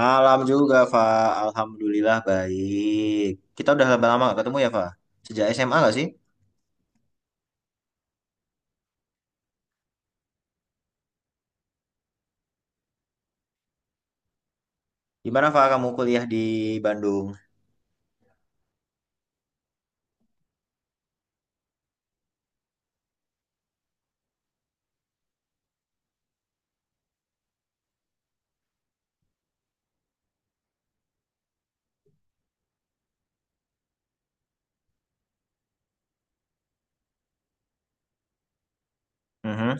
Malam juga, Fa. Alhamdulillah baik. Kita udah lama-lama gak ketemu ya, Fa. Sejak SMA gak sih? Gimana, Fa, kamu kuliah di Bandung? Mhm.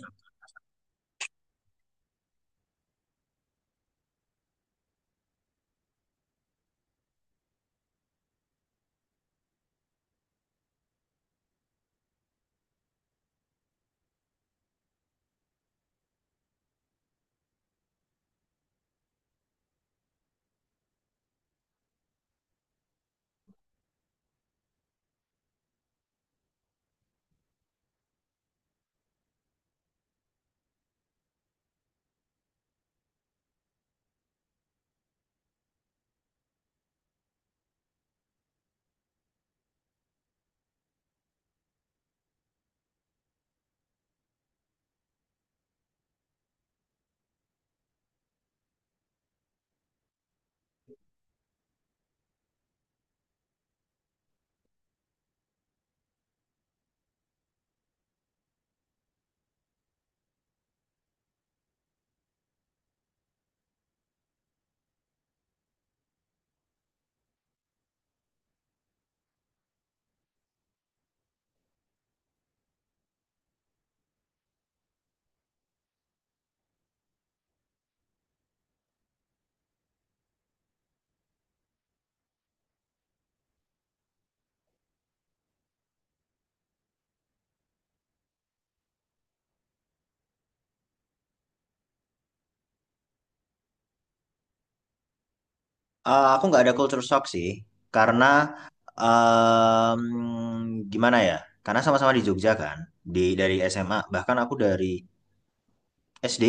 Aku nggak ada culture shock sih, karena em, gimana ya? Karena sama-sama di Jogja kan, dari SMA. Bahkan aku dari SD,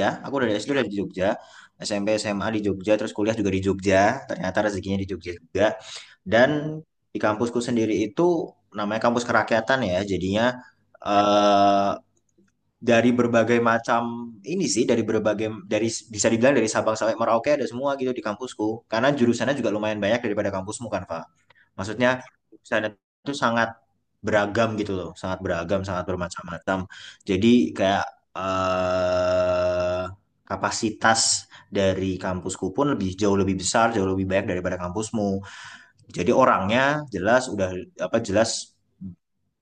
ya, aku dari SD udah di Jogja, SMP SMA di Jogja, terus kuliah juga di Jogja. Ternyata rezekinya di Jogja juga. Dan di kampusku sendiri itu namanya kampus kerakyatan ya, jadinya eh, dari berbagai macam ini sih, dari bisa dibilang dari Sabang sampai Merauke ada semua gitu di kampusku. Karena jurusannya juga lumayan banyak daripada kampusmu kan, Pak. Maksudnya jurusannya itu sangat beragam gitu loh, sangat beragam, sangat bermacam-macam. Jadi kayak eh kapasitas dari kampusku pun lebih jauh lebih besar, jauh lebih banyak daripada kampusmu, jadi orangnya jelas udah, apa, jelas,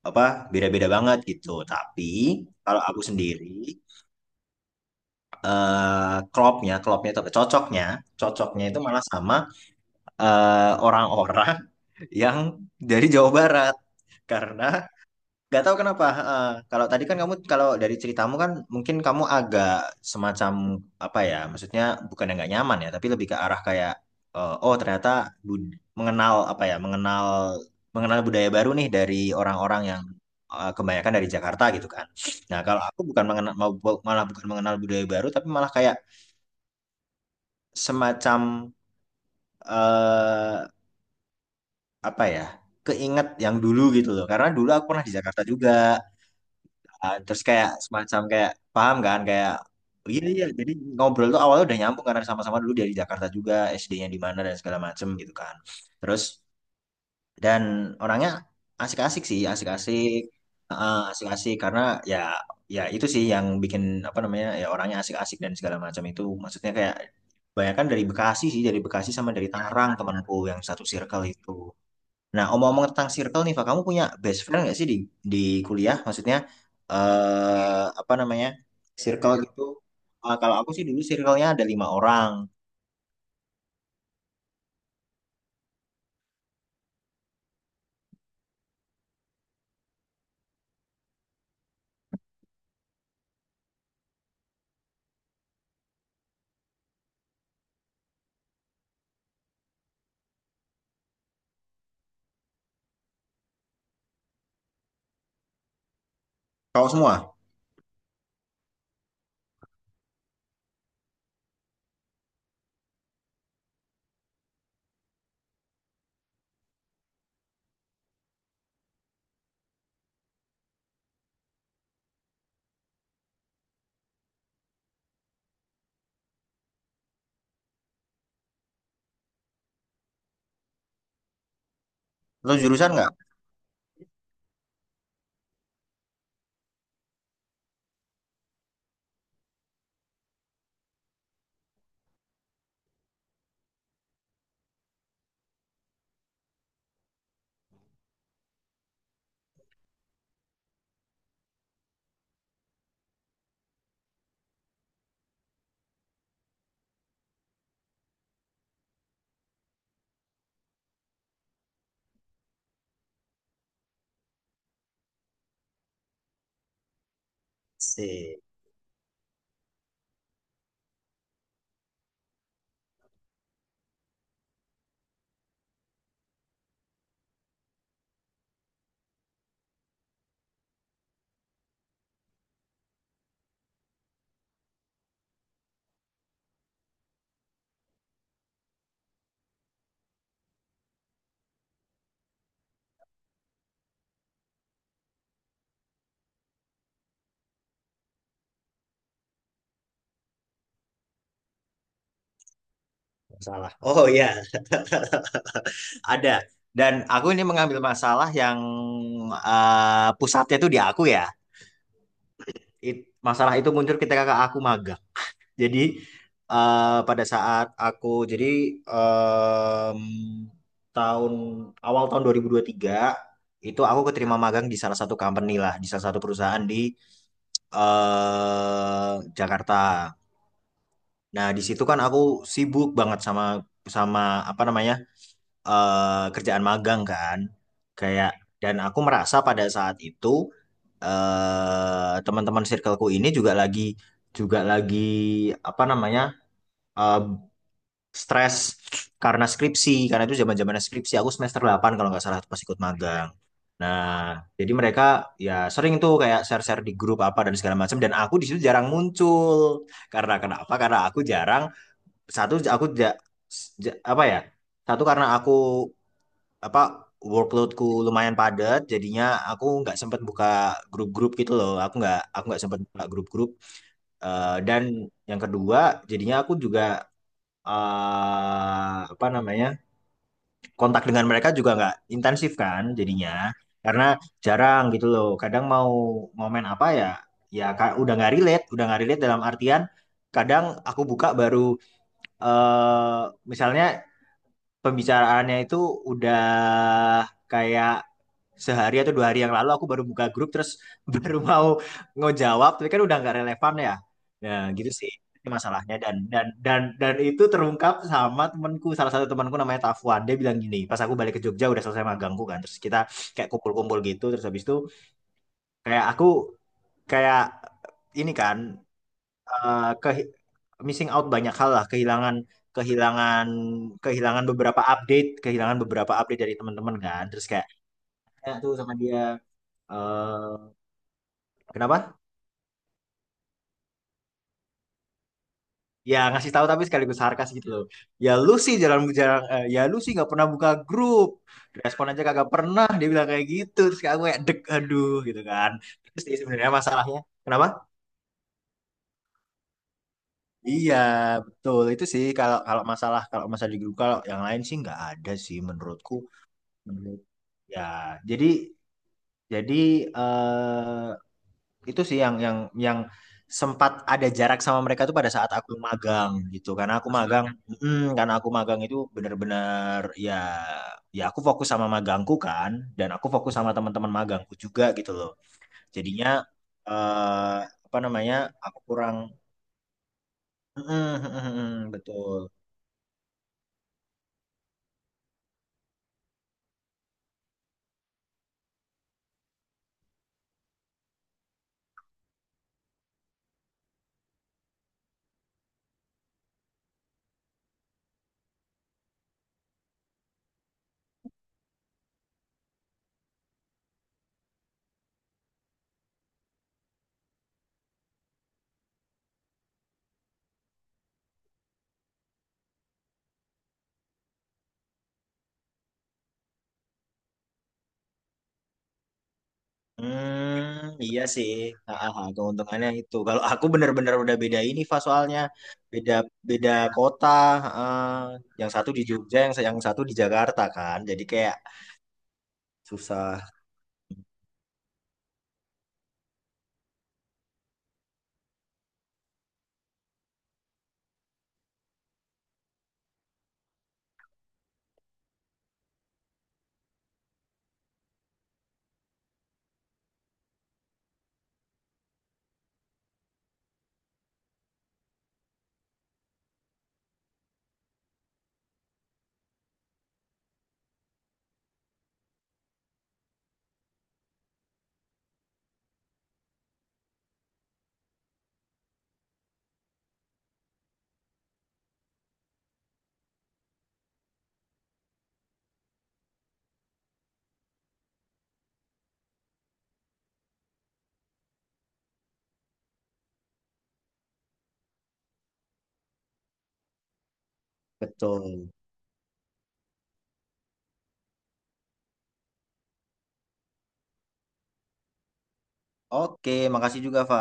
apa, beda-beda banget gitu. Tapi kalau aku sendiri klopnya atau cocoknya itu malah sama orang-orang yang dari Jawa Barat, karena gak tahu kenapa. Kalau tadi kan kamu, kalau dari ceritamu kan mungkin kamu agak semacam apa ya? Maksudnya bukan yang nggak nyaman ya, tapi lebih ke arah kayak, oh ternyata mengenal apa ya? Mengenal mengenal budaya baru nih dari orang-orang yang kebanyakan dari Jakarta gitu kan. Nah, kalau aku bukan mengenal, malah bukan mengenal budaya baru, tapi malah kayak semacam eh apa ya? Keinget yang dulu gitu loh. Karena dulu aku pernah di Jakarta juga. Nah, terus kayak semacam kayak paham kan kayak, "Oh, iya iya, jadi ngobrol tuh awalnya udah nyambung karena sama-sama dulu dari Jakarta juga, SD-nya di mana dan segala macem gitu kan." Terus dan orangnya asik-asik sih, asik-asik. Heeh, asik-asik karena ya ya itu sih yang bikin, apa namanya, ya orangnya asik-asik dan segala macam itu, maksudnya kayak banyak kan dari Bekasi, sama dari Tangerang, temanku yang satu circle itu. Nah, omong-omong tentang circle nih, Pak, kamu punya best friend nggak sih di di kuliah? Maksudnya apa namanya, circle gitu? Ah, kalau aku sih dulu circle-nya ada lima orang. Kau semua? Atau jurusan nggak? Sih, masalah. Oh iya, ada. Dan aku ini mengambil masalah yang pusatnya itu di aku ya. It- Masalah itu muncul ketika aku magang. Jadi pada saat aku jadi em, tahun awal tahun dua ribu tiga itu, aku keterima magang di salah satu company lah, di salah satu perusahaan di eh Jakarta. Nah, di situ kan aku sibuk banget sama sama apa namanya, kerjaan magang kan. Kayak dan aku merasa pada saat itu teman-teman circleku ini juga lagi apa namanya, eh, stres karena skripsi, karena itu zaman zaman skripsi, aku semester delapan kalau nggak salah tuh pas ikut magang. Nah, jadi mereka ya sering tuh kayak share share di grup apa dan segala macam, dan aku di situ jarang muncul, karena kenapa, karena aku jarang. Satu, aku apa ya, satu karena aku, apa, workloadku lumayan padat jadinya aku nggak sempat buka grup-grup gitu loh, aku nggak sempat buka grup-grup. Dan yang kedua, jadinya aku juga apa namanya, kontak dengan mereka juga nggak intensif kan, jadinya karena jarang gitu loh. Kadang mau momen apa ya, ya udah nggak relate dalam artian kadang aku buka baru, eh misalnya pembicaraannya itu udah kayak sehari atau dua hari yang lalu aku baru buka grup, terus baru mau ngejawab tapi kan udah nggak relevan ya. Nah, gitu sih ini masalahnya, dan itu terungkap sama salah satu temanku namanya Tafuan. Dia bilang gini pas aku balik ke Jogja udah selesai magangku kan, terus kita kayak kumpul-kumpul gitu. Terus habis itu kayak aku kayak ini kan, eh, ke- missing out banyak hal lah, kehilangan kehilangan kehilangan beberapa update, dari teman-teman kan. Terus kayak, ya, tuh sama dia. eh Kenapa? Ya ngasih tahu tapi sekaligus sarkas gitu loh. "Ya lu sih jarang jarang, ya lu sih nggak pernah buka grup. Respon aja kagak pernah," dia bilang kayak gitu. Terus kayak aku kayak, deg, aduh gitu kan. Terus sih sebenarnya masalahnya, kenapa? Iya, betul. Itu sih kalau kalau masalah di grup, kalau yang lain sih nggak ada sih menurutku. Ya, jadi jadi eh, itu sih yang sempat ada jarak sama mereka tuh pada saat aku magang gitu. Karena aku magang itu bener-bener ya, aku fokus sama magangku kan, dan aku fokus sama teman-teman magangku juga gitu loh. Jadinya eh, apa namanya? Aku kurang. Mm, mm, mm, mm, betul. Hmm, iya sih. Ah, ah, ah, keuntungannya itu. Kalau aku bener-bener udah beda ini, Fa, soalnya beda, kota. ah. Yang satu di Jogja, yang satu di Jakarta kan. Jadi kayak susah, betul. Oke, makasih juga, Fa.